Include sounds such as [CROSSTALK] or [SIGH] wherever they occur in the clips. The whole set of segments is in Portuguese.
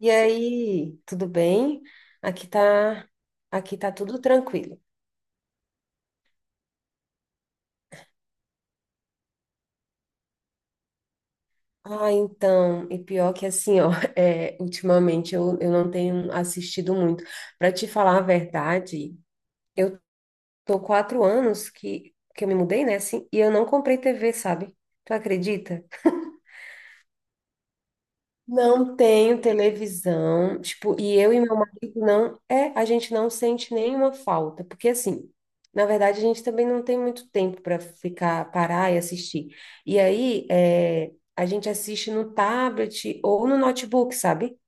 E aí, tudo bem? Aqui tá, aqui tá tudo tranquilo. Ah, então, e pior que assim, ó, [LAUGHS] é, ultimamente eu não tenho assistido muito. Para te falar a verdade, eu tô 4 anos que eu me mudei, né, assim, e eu não comprei TV, sabe? Tu acredita? Não tenho televisão, tipo, e eu e meu marido não, é, a gente não sente nenhuma falta, porque assim, na verdade a gente também não tem muito tempo para ficar, parar e assistir. E aí, é, a gente assiste no tablet ou no notebook, sabe?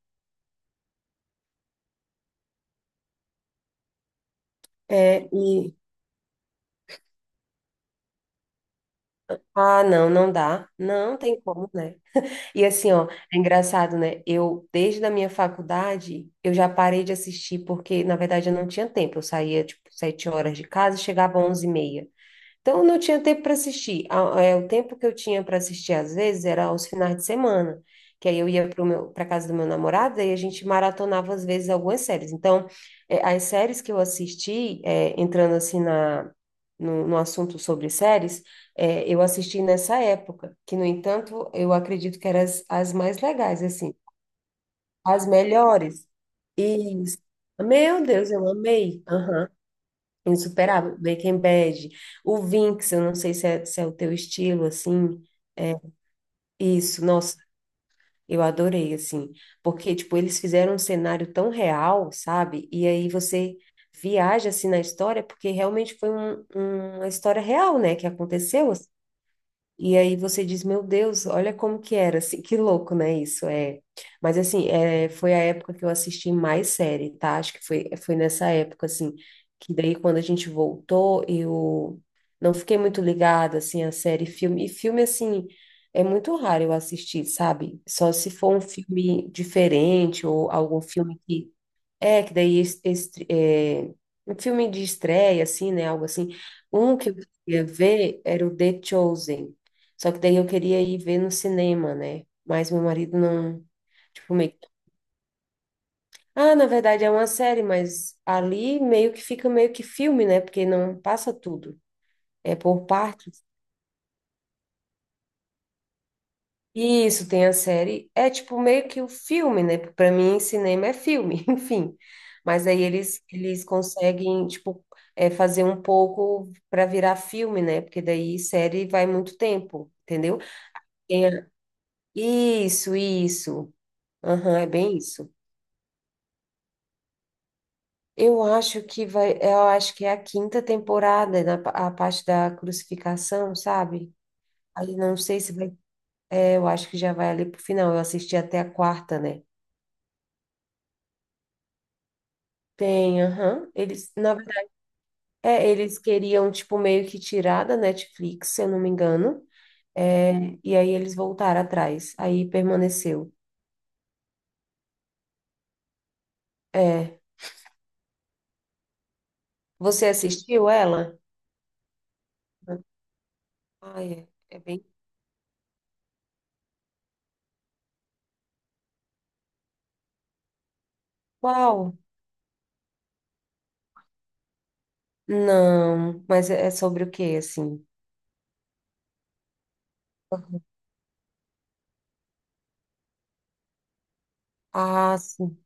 É, e, ah, não, não dá, não tem como, né? E assim, ó, é engraçado, né? Eu, desde a minha faculdade, eu já parei de assistir, porque, na verdade, eu não tinha tempo. Eu saía, tipo, 7 horas de casa e chegava às 11h30. Então, eu não tinha tempo para assistir. O tempo que eu tinha para assistir, às vezes, era aos finais de semana, que aí eu ia para casa do meu namorado e a gente maratonava, às vezes, algumas séries. Então, é, as séries que eu assisti, é, entrando assim na, no, no assunto sobre séries, é, eu assisti nessa época, que, no entanto, eu acredito que eram as mais legais, assim, as melhores. E, meu Deus, eu amei. Aham. Insuperável. Breaking Bad. O Vinx, eu não sei se é o teu estilo, assim. É, isso, nossa, eu adorei, assim. Porque, tipo, eles fizeram um cenário tão real, sabe? E aí você viaja, assim, na história, porque realmente foi uma história real, né? Que aconteceu, e aí você diz, meu Deus, olha como que era, assim, que louco, né, isso, é. Mas assim, é, foi a época que eu assisti mais série, tá? Acho que foi nessa época, assim, que daí quando a gente voltou, eu não fiquei muito ligada, assim, a série, e filme, assim, é muito raro eu assistir, sabe? Só se for um filme diferente ou algum filme que é, que daí um filme de estreia, assim, né? Algo assim. Um que eu queria ver era o The Chosen. Só que daí eu queria ir ver no cinema, né? Mas meu marido não. Tipo, meio que, ah, na verdade é uma série, mas ali meio que fica meio que filme, né? Porque não passa tudo. É por partes. Isso, tem a série. É tipo meio que o filme, né? Pra mim, cinema é filme, [LAUGHS] enfim. Mas aí eles conseguem, tipo, é, fazer um pouco para virar filme, né? Porque daí série vai muito tempo, entendeu? Tem a- Isso, isso. Aham, é bem isso. Eu acho que vai, eu acho que é a quinta temporada, a parte da crucificação, sabe? Aí não sei se vai. É, eu acho que já vai ali pro final. Eu assisti até a quarta, né? Tem, aham. Eles queriam, tipo, meio que tirar da Netflix, se eu não me engano. É, e aí eles voltaram atrás. Aí permaneceu. É. Você assistiu ela? Ai, é bem. Qual? Não, mas é sobre o quê, assim? Ah, sim.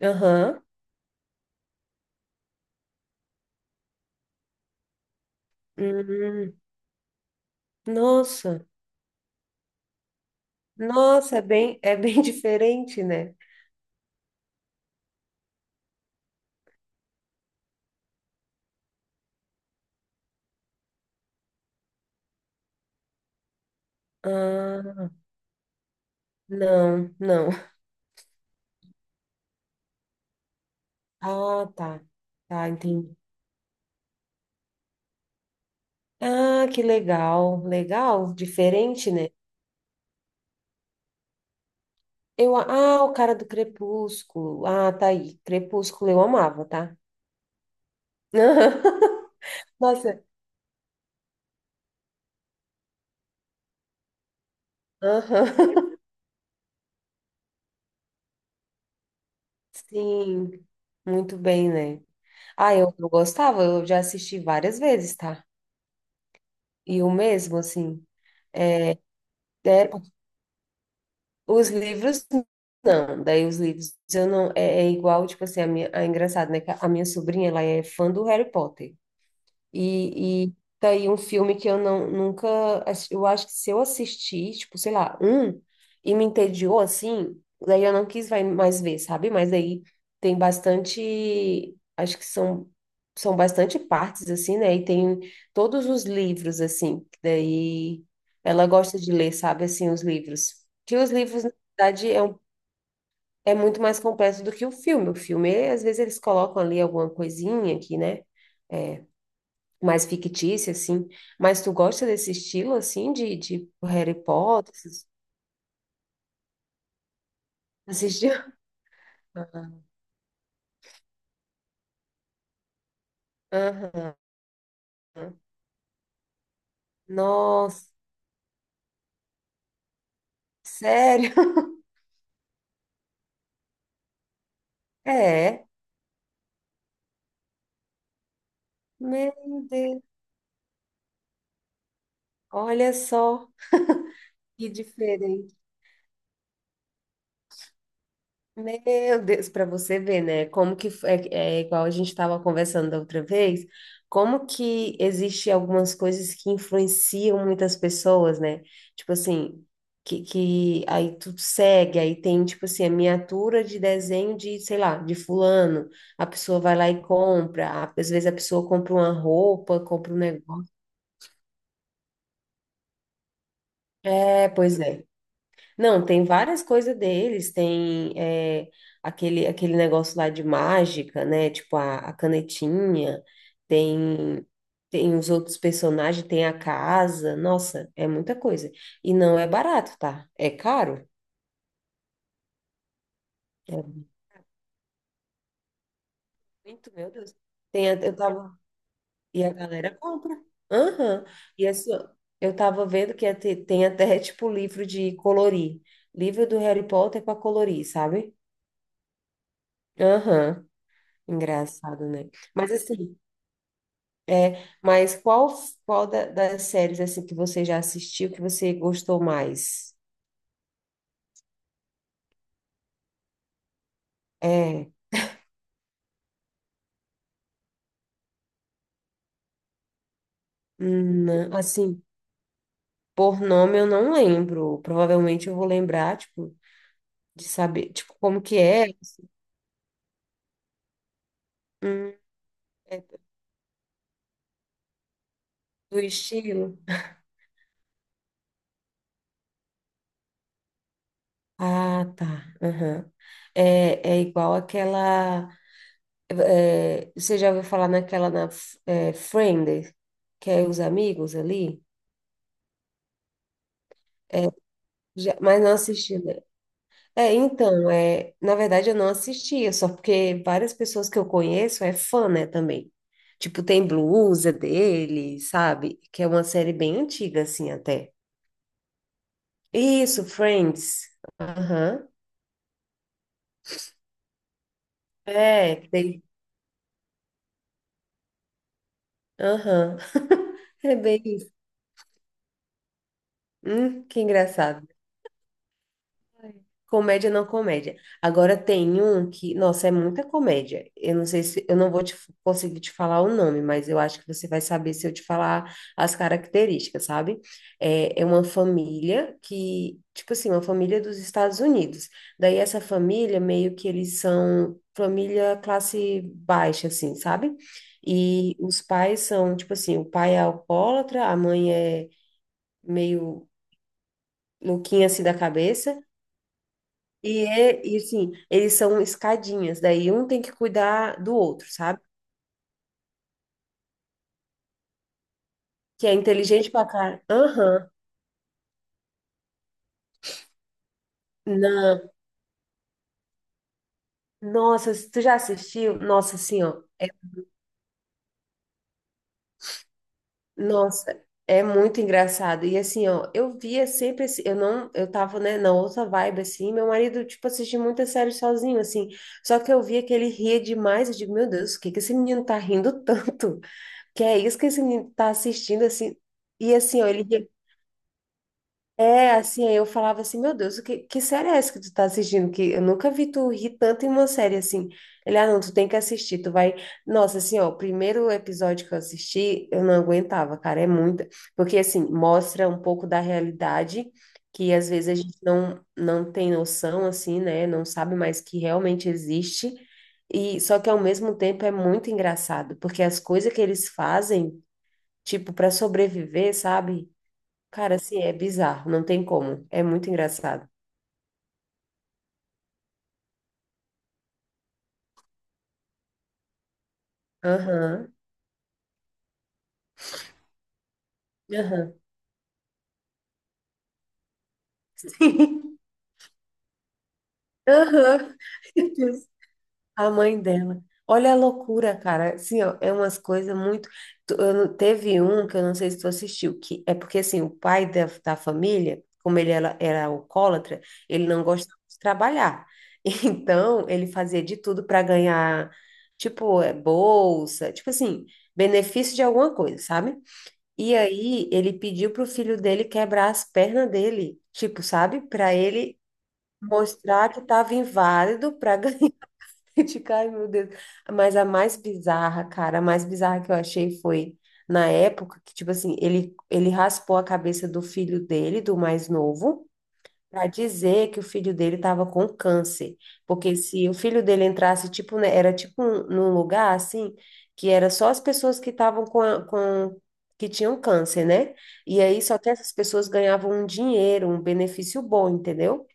Aham. Hum, nossa. Nossa, é bem [LAUGHS] diferente, né? Ah, não, não. Ah, tá. Tá, entendi. Ah, que legal, legal, diferente, né? Eu, ah, o cara do Crepúsculo. Ah, tá aí. Crepúsculo eu amava, tá? [LAUGHS] Nossa, aham. Sim, muito bem, né? Ah, eu gostava, eu já assisti várias vezes, tá? E o mesmo, assim, é, é, os livros não, daí os livros eu não, é igual, tipo assim, a minha, é engraçado, né, que a minha sobrinha, ela é fã do Harry Potter. E tá aí um filme que eu não, nunca. Eu acho que se eu assistir, tipo, sei lá, um, e me entediou assim, daí eu não quis vai mais ver, sabe? Mas aí tem bastante. Acho que são bastante partes, assim, né? E tem todos os livros, assim, que daí ela gosta de ler, sabe? Assim, os livros. Que os livros, na verdade, é muito mais completo do que o filme. O filme, às vezes, eles colocam ali alguma coisinha aqui, né? É, mais fictícia, assim. Mas tu gosta desse estilo, assim, de Harry Potter? Assistiu? [LAUGHS] Aham. Nossa, sério? [LAUGHS] É. Meu Deus, olha só que diferente. Meu Deus, para você ver, né? Como que é igual a gente estava conversando da outra vez, como que existe algumas coisas que influenciam muitas pessoas, né? Tipo assim, que aí tu segue, aí tem tipo assim, a miniatura de desenho de, sei lá, de fulano. A pessoa vai lá e compra, às vezes a pessoa compra uma roupa, compra um negócio. É, pois é. Não, tem várias coisas deles, tem é, aquele negócio lá de mágica, né? Tipo a canetinha, tem, tem os outros personagens, tem a casa, nossa, é muita coisa. E não é barato, tá? É caro. É muito, meu Deus. Tem, eu tava, e a galera compra. Aham. E assim, ó, eu tava vendo que ia tem até [LAUGHS] tipo livro de colorir, livro do Harry Potter para colorir, sabe? Aham, engraçado, né? Mas assim, é, mas qual das séries assim que você já assistiu que você gostou mais? É, assim, por nome eu não lembro. Provavelmente eu vou lembrar, tipo, de saber, tipo, como que é, assim, hum, é do estilo. Ah, tá. Aham. É, é igual aquela. É, você já ouviu falar naquela, Friends, que é os amigos ali? É, mas não assisti, né? É, então, é, na verdade eu não assistia, só porque várias pessoas que eu conheço é fã, né, também. Tipo, tem blusa dele, sabe? Que é uma série bem antiga, assim, até. Isso, Friends. Aham. É, tem. Aham. [LAUGHS] É bem isso. Que engraçado. Comédia não comédia. Agora tem um que, nossa, é muita comédia. Eu não sei se eu não vou te, conseguir te falar o nome, mas eu acho que você vai saber se eu te falar as características, sabe? É uma família que, tipo assim, uma família dos Estados Unidos. Daí essa família meio que eles são família classe baixa, assim, sabe? E os pais são, tipo assim, o pai é alcoólatra, a mãe é meio louquinha assim da cabeça. E assim, eles são escadinhas, daí um tem que cuidar do outro, sabe? Que é inteligente pra caralho. Aham. Não. Nossa, tu já assistiu? Nossa, assim, ó. Nossa, é muito engraçado. E assim, ó, eu via sempre assim, eu não, eu tava, né, na outra vibe, assim, meu marido, tipo, assistia muita série sozinho, assim. Só que eu via que ele ria demais, eu digo, meu Deus, o que que esse menino tá rindo tanto? Que é isso que esse menino tá assistindo, assim. E assim, ó, ele ria. Assim, eu falava assim, meu Deus, o que, que série é essa que tu tá assistindo? Que eu nunca vi tu rir tanto em uma série assim. Ele, ah, não, tu tem que assistir, tu vai. Nossa, assim, ó, o primeiro episódio que eu assisti, eu não aguentava, cara, é muita. Porque, assim, mostra um pouco da realidade que às vezes a gente não, não tem noção, assim, né? Não sabe mais que realmente existe. E só que ao mesmo tempo é muito engraçado, porque as coisas que eles fazem, tipo, para sobreviver, sabe? Cara, assim, é bizarro, não tem como. É muito engraçado. Aham, aham. [LAUGHS] Aham. Meu Deus. A mãe dela. Olha a loucura, cara. Assim, ó, é umas coisas muito. Tu- eu não- teve um que eu não sei se tu assistiu, que é porque, assim, o pai da família, como ele era, era alcoólatra, ele não gostava de trabalhar. [LAUGHS] Então, ele fazia de tudo para ganhar, tipo, é, bolsa, tipo assim, benefício de alguma coisa, sabe? E aí ele pediu pro filho dele quebrar as pernas dele, tipo, sabe? Para ele mostrar que estava inválido para ganhar. [LAUGHS] Tipo, ai, meu Deus. Mas a mais bizarra, cara, a mais bizarra que eu achei foi na época que, tipo assim, ele raspou a cabeça do filho dele, do mais novo para dizer que o filho dele estava com câncer, porque se o filho dele entrasse, tipo, né, era tipo um, num lugar assim, que era só as pessoas que estavam com, com que tinham câncer, né? E aí só que essas pessoas ganhavam um dinheiro, um benefício bom, entendeu?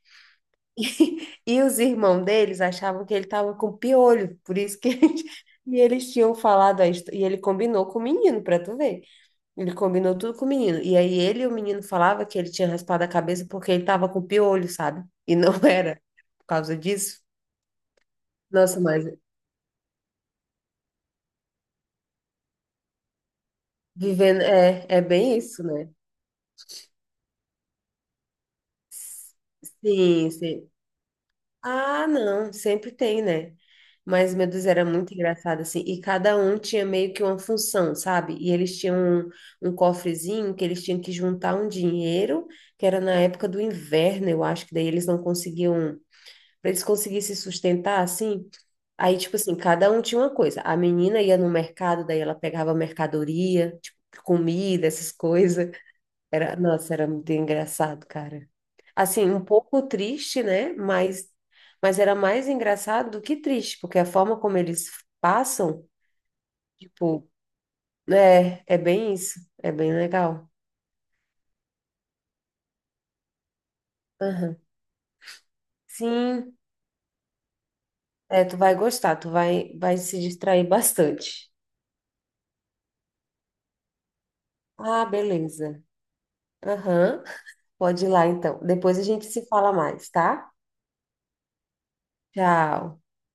[LAUGHS] E os irmãos deles achavam que ele estava com piolho, por isso que [LAUGHS] e eles tinham falado e ele combinou com o menino, para tu ver. Ele combinou tudo com o menino. E aí ele e o menino falava que ele tinha raspado a cabeça porque ele tava com piolho, sabe? E não [LAUGHS] era por causa disso. Nossa, mas vivendo é, bem isso, né? Sim, sim. Ah, não, sempre tem, né? Mas, meu Deus, era muito engraçado, assim. E cada um tinha meio que uma função, sabe? E eles tinham um, um cofrezinho que eles tinham que juntar um dinheiro, que era na época do inverno, eu acho que daí eles não conseguiam, para eles conseguirem se sustentar, assim. Aí, tipo assim, cada um tinha uma coisa. A menina ia no mercado, daí ela pegava mercadoria, tipo, comida, essas coisas. Era, nossa, era muito engraçado, cara. Assim, um pouco triste, né? Mas, era mais engraçado do que triste, porque a forma como eles passam, tipo, é bem isso. É bem legal. Aham. Sim, é, tu vai gostar, tu vai se distrair bastante. Ah, beleza. Aham. Pode ir lá, então. Depois a gente se fala mais, tá? Tchau.